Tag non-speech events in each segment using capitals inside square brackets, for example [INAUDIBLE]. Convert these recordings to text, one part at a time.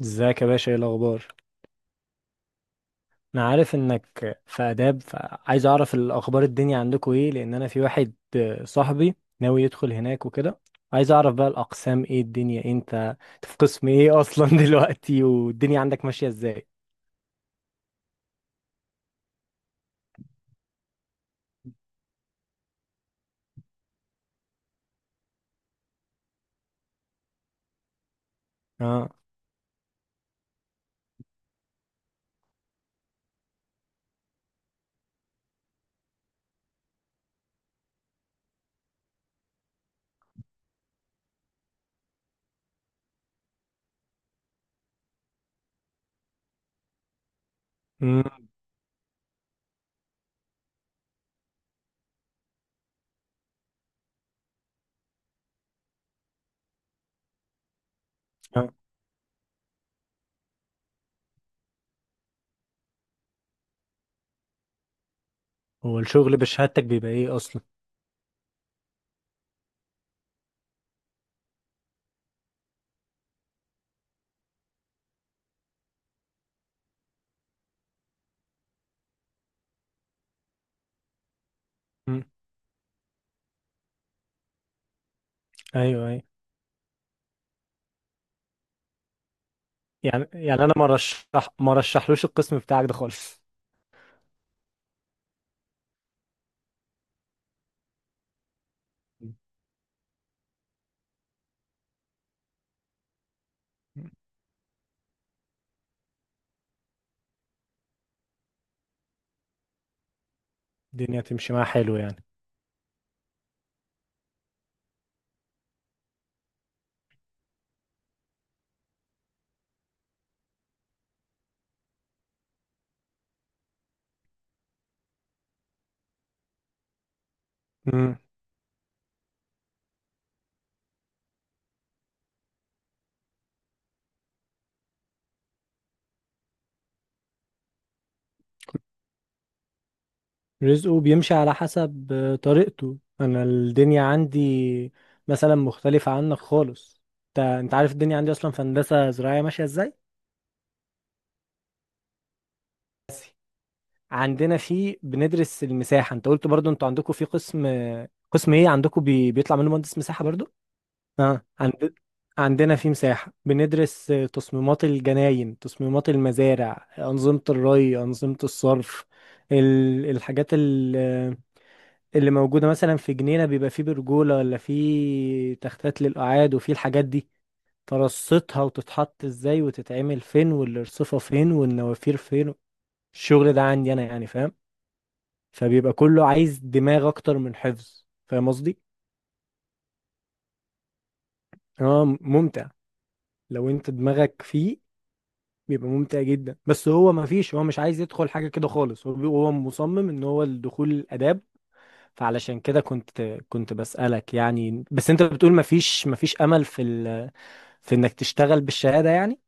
ازيك يا باشا، ايه الاخبار؟ انا عارف انك في اداب، فعايز اعرف الاخبار. الدنيا عندكم ايه؟ لان انا في واحد صاحبي ناوي يدخل هناك وكده. عايز اعرف بقى الاقسام ايه، الدنيا إيه، انت في قسم ايه اصلا [LAUGHS] دلوقتي؟ والدنيا عندك ماشية ازاي؟ اه. امم. آه. هو الشغل بشهادتك بيبقى ايه اصلا؟ امم. ايوه، ايوه. يعني انا ما رشحلوش القسم بتاعك ده خالص. الدنيا تمشي معاه حلو. يعني رزقه بيمشي على حسب طريقته. انا الدنيا عندي مثلا مختلفة عنك خالص. انت عارف الدنيا عندي اصلا في هندسة زراعية ماشية ازاي؟ عندنا في بندرس المساحة. انت قلت برضو انتوا عندكم في قسم، قسم ايه عندكم، بيطلع منه مهندس مساحة برضو؟ اه. عندنا في مساحة بندرس تصميمات الجناين، تصميمات المزارع، أنظمة الري، أنظمة الصرف. الحاجات اللي موجودة مثلا في جنينة، بيبقى فيه برجولة ولا فيه تختات للقعاد، وفيه الحاجات دي. ترصتها وتتحط ازاي، وتتعمل فين، والارصفة فين، والنوافير فين. الشغل ده عندي انا يعني، فاهم؟ فبيبقى كله عايز دماغ اكتر من حفظ، فاهم قصدي؟ هو ممتع. لو انت دماغك فيه بيبقى ممتع جدا. بس هو ما فيش هو مش عايز يدخل حاجة كده خالص. هو مصمم ان هو الدخول الآداب. فعلشان كده كنت بسألك يعني. بس انت بتقول ما فيش امل في انك تشتغل بالشهادة يعني.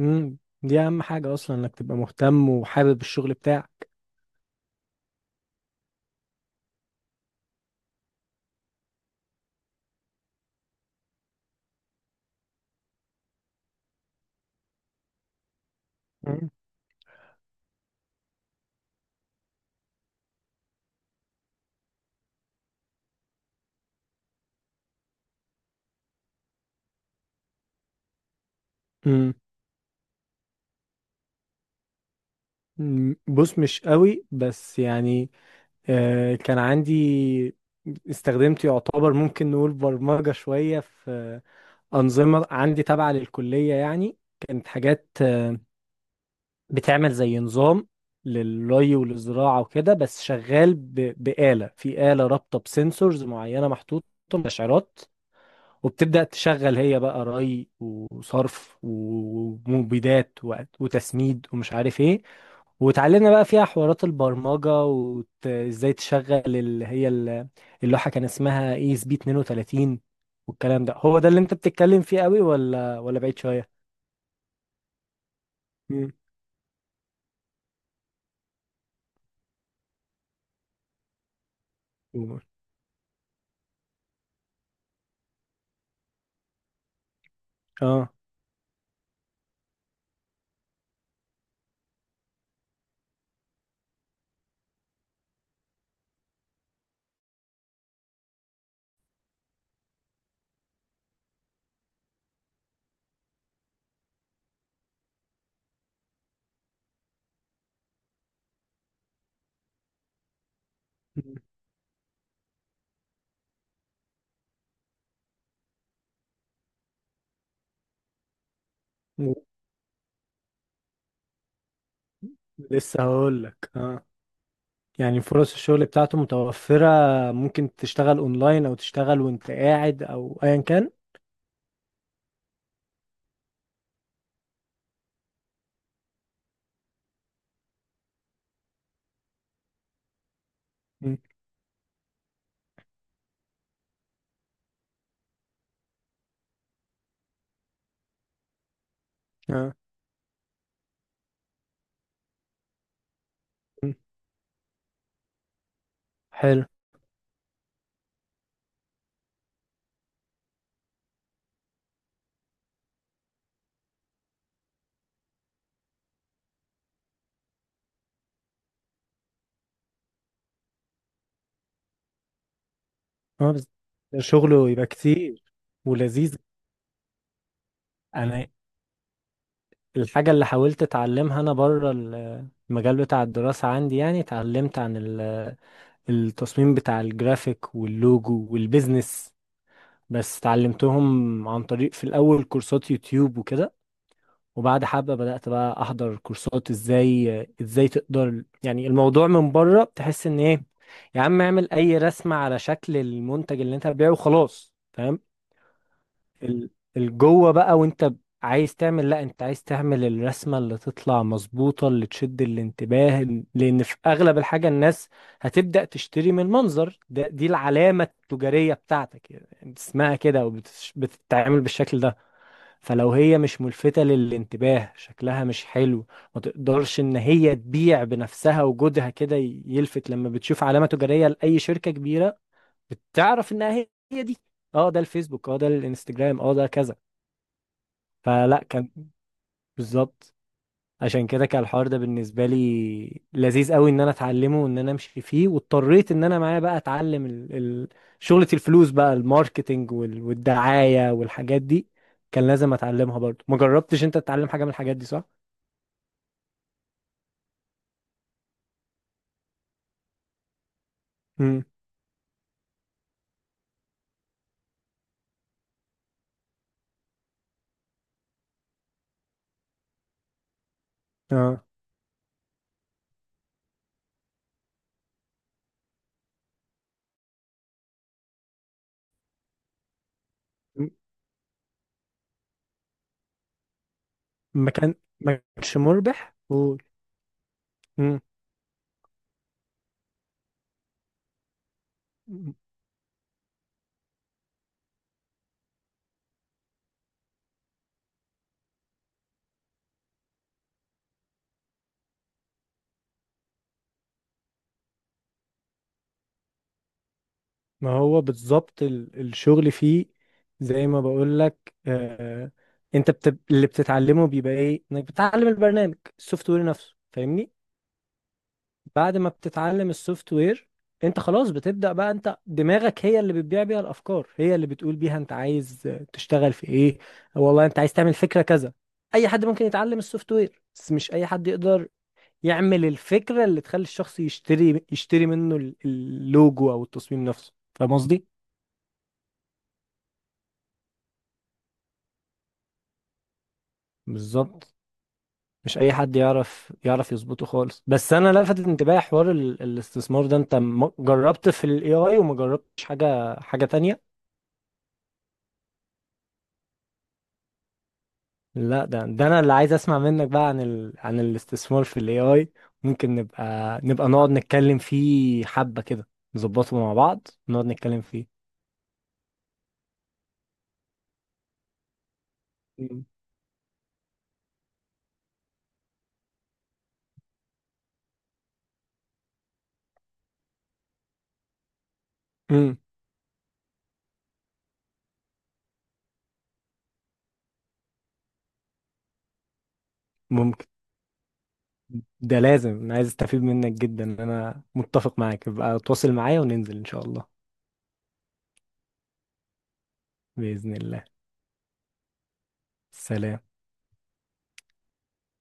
دي اهم حاجة اصلا انك تبقى مهتم وحابب الشغل بتاعك. مم. امم أمم، بص مش قوي بس يعني كان عندي. استخدمت يعتبر ممكن نقول برمجة شوية في أنظمة عندي تابعة للكلية، يعني كانت حاجات بتعمل زي نظام للري والزراعة وكده. بس شغال بآلة، في آلة رابطة بسنسورز معينة محطوطة، مستشعرات. وبتبدأ تشغل هي بقى ري وصرف ومبيدات وتسميد ومش عارف ايه. وتعلمنا بقى فيها حوارات البرمجة وازاي تشغل اللي هي اللوحة. كان اسمها اي اس بي 32. والكلام ده، هو ده اللي انت بتتكلم فيه قوي، ولا بعيد شوية؟ مم. قول. اه. مم. لسه هقول لك اه. يعني فرص الشغل بتاعته متوفرة. ممكن تشتغل اونلاين او تشتغل وانت قاعد او ايا كان. مم. اه. مم. حلو. اه. بس شغله يبقى كتير. ولذيذ. انا الحاجه اللي حاولت اتعلمها انا بره المجال بتاع الدراسه عندي، يعني اتعلمت عن التصميم بتاع الجرافيك واللوجو والبيزنس. بس اتعلمتهم عن طريق في الاول كورسات يوتيوب وكده. وبعد حبه بدات بقى احضر كورسات ازاي تقدر، يعني الموضوع من بره بتحس ان ايه، يا عم اعمل اي رسمه على شكل المنتج اللي انت هتبيعه وخلاص، فاهم؟ ال- الجوه بقى، وانت عايز تعمل لا، انت عايز تعمل الرسمه اللي تطلع مظبوطه، اللي تشد الانتباه لان في اغلب الحاجه الناس هتبدا تشتري من المنظر ده. دي العلامه التجاريه بتاعتك، يعني اسمها كده وبتتعامل بالشكل ده. فلو هي مش ملفته للانتباه، شكلها مش حلو، ما تقدرش ان هي تبيع بنفسها. وجودها كده يلفت. لما بتشوف علامه تجاريه لاي شركه كبيره، بتعرف انها هي دي. اه ده الفيسبوك، اه ده الانستجرام، اه ده كذا. فلا كان، بالظبط. عشان كده كان الحوار ده بالنسبة لي لذيذ قوي، ان انا اتعلمه وان انا امشي فيه. واضطريت ان انا معايا بقى اتعلم شغلة الفلوس بقى، الماركتينج والدعاية والحاجات دي. كان لازم اتعلمها برضو. ما جربتش انت تتعلم حاجة من الحاجات دي، صح؟ امم. اه، م- ما كانش مربح، قول. امم. ما هو بالظبط الشغل فيه زي ما بقول لك، انت اللي بتتعلمه بيبقى ايه، انك بتتعلم البرنامج السوفت وير نفسه، فاهمني؟ بعد ما بتتعلم السوفت وير، انت خلاص بتبدأ بقى، انت دماغك هي اللي بتبيع بيها الافكار، هي اللي بتقول بيها انت عايز تشتغل في ايه، والله انت عايز تعمل فكرة كذا. اي حد ممكن يتعلم السوفت وير، بس مش اي حد يقدر يعمل الفكرة اللي تخلي الشخص يشتري منه اللوجو او التصميم نفسه، فاهم قصدي؟ بالظبط. مش اي حد يعرف يظبطه خالص. بس انا لفت انتباهي حوار الاستثمار ده. انت جربت في الاي اي وما جربتش حاجه تانية؟ لا، ده انا اللي عايز اسمع منك بقى عن عن الاستثمار في الاي اي. ممكن نبقى نقعد نتكلم فيه حبه كده، نظبطه مع بعض، نقعد نتكلم فيه. امم. ممكن. ده لازم، انا عايز استفيد منك جدا، انا متفق معاك. ابقى تواصل معايا وننزل ان شاء الله. باذن الله. سلام.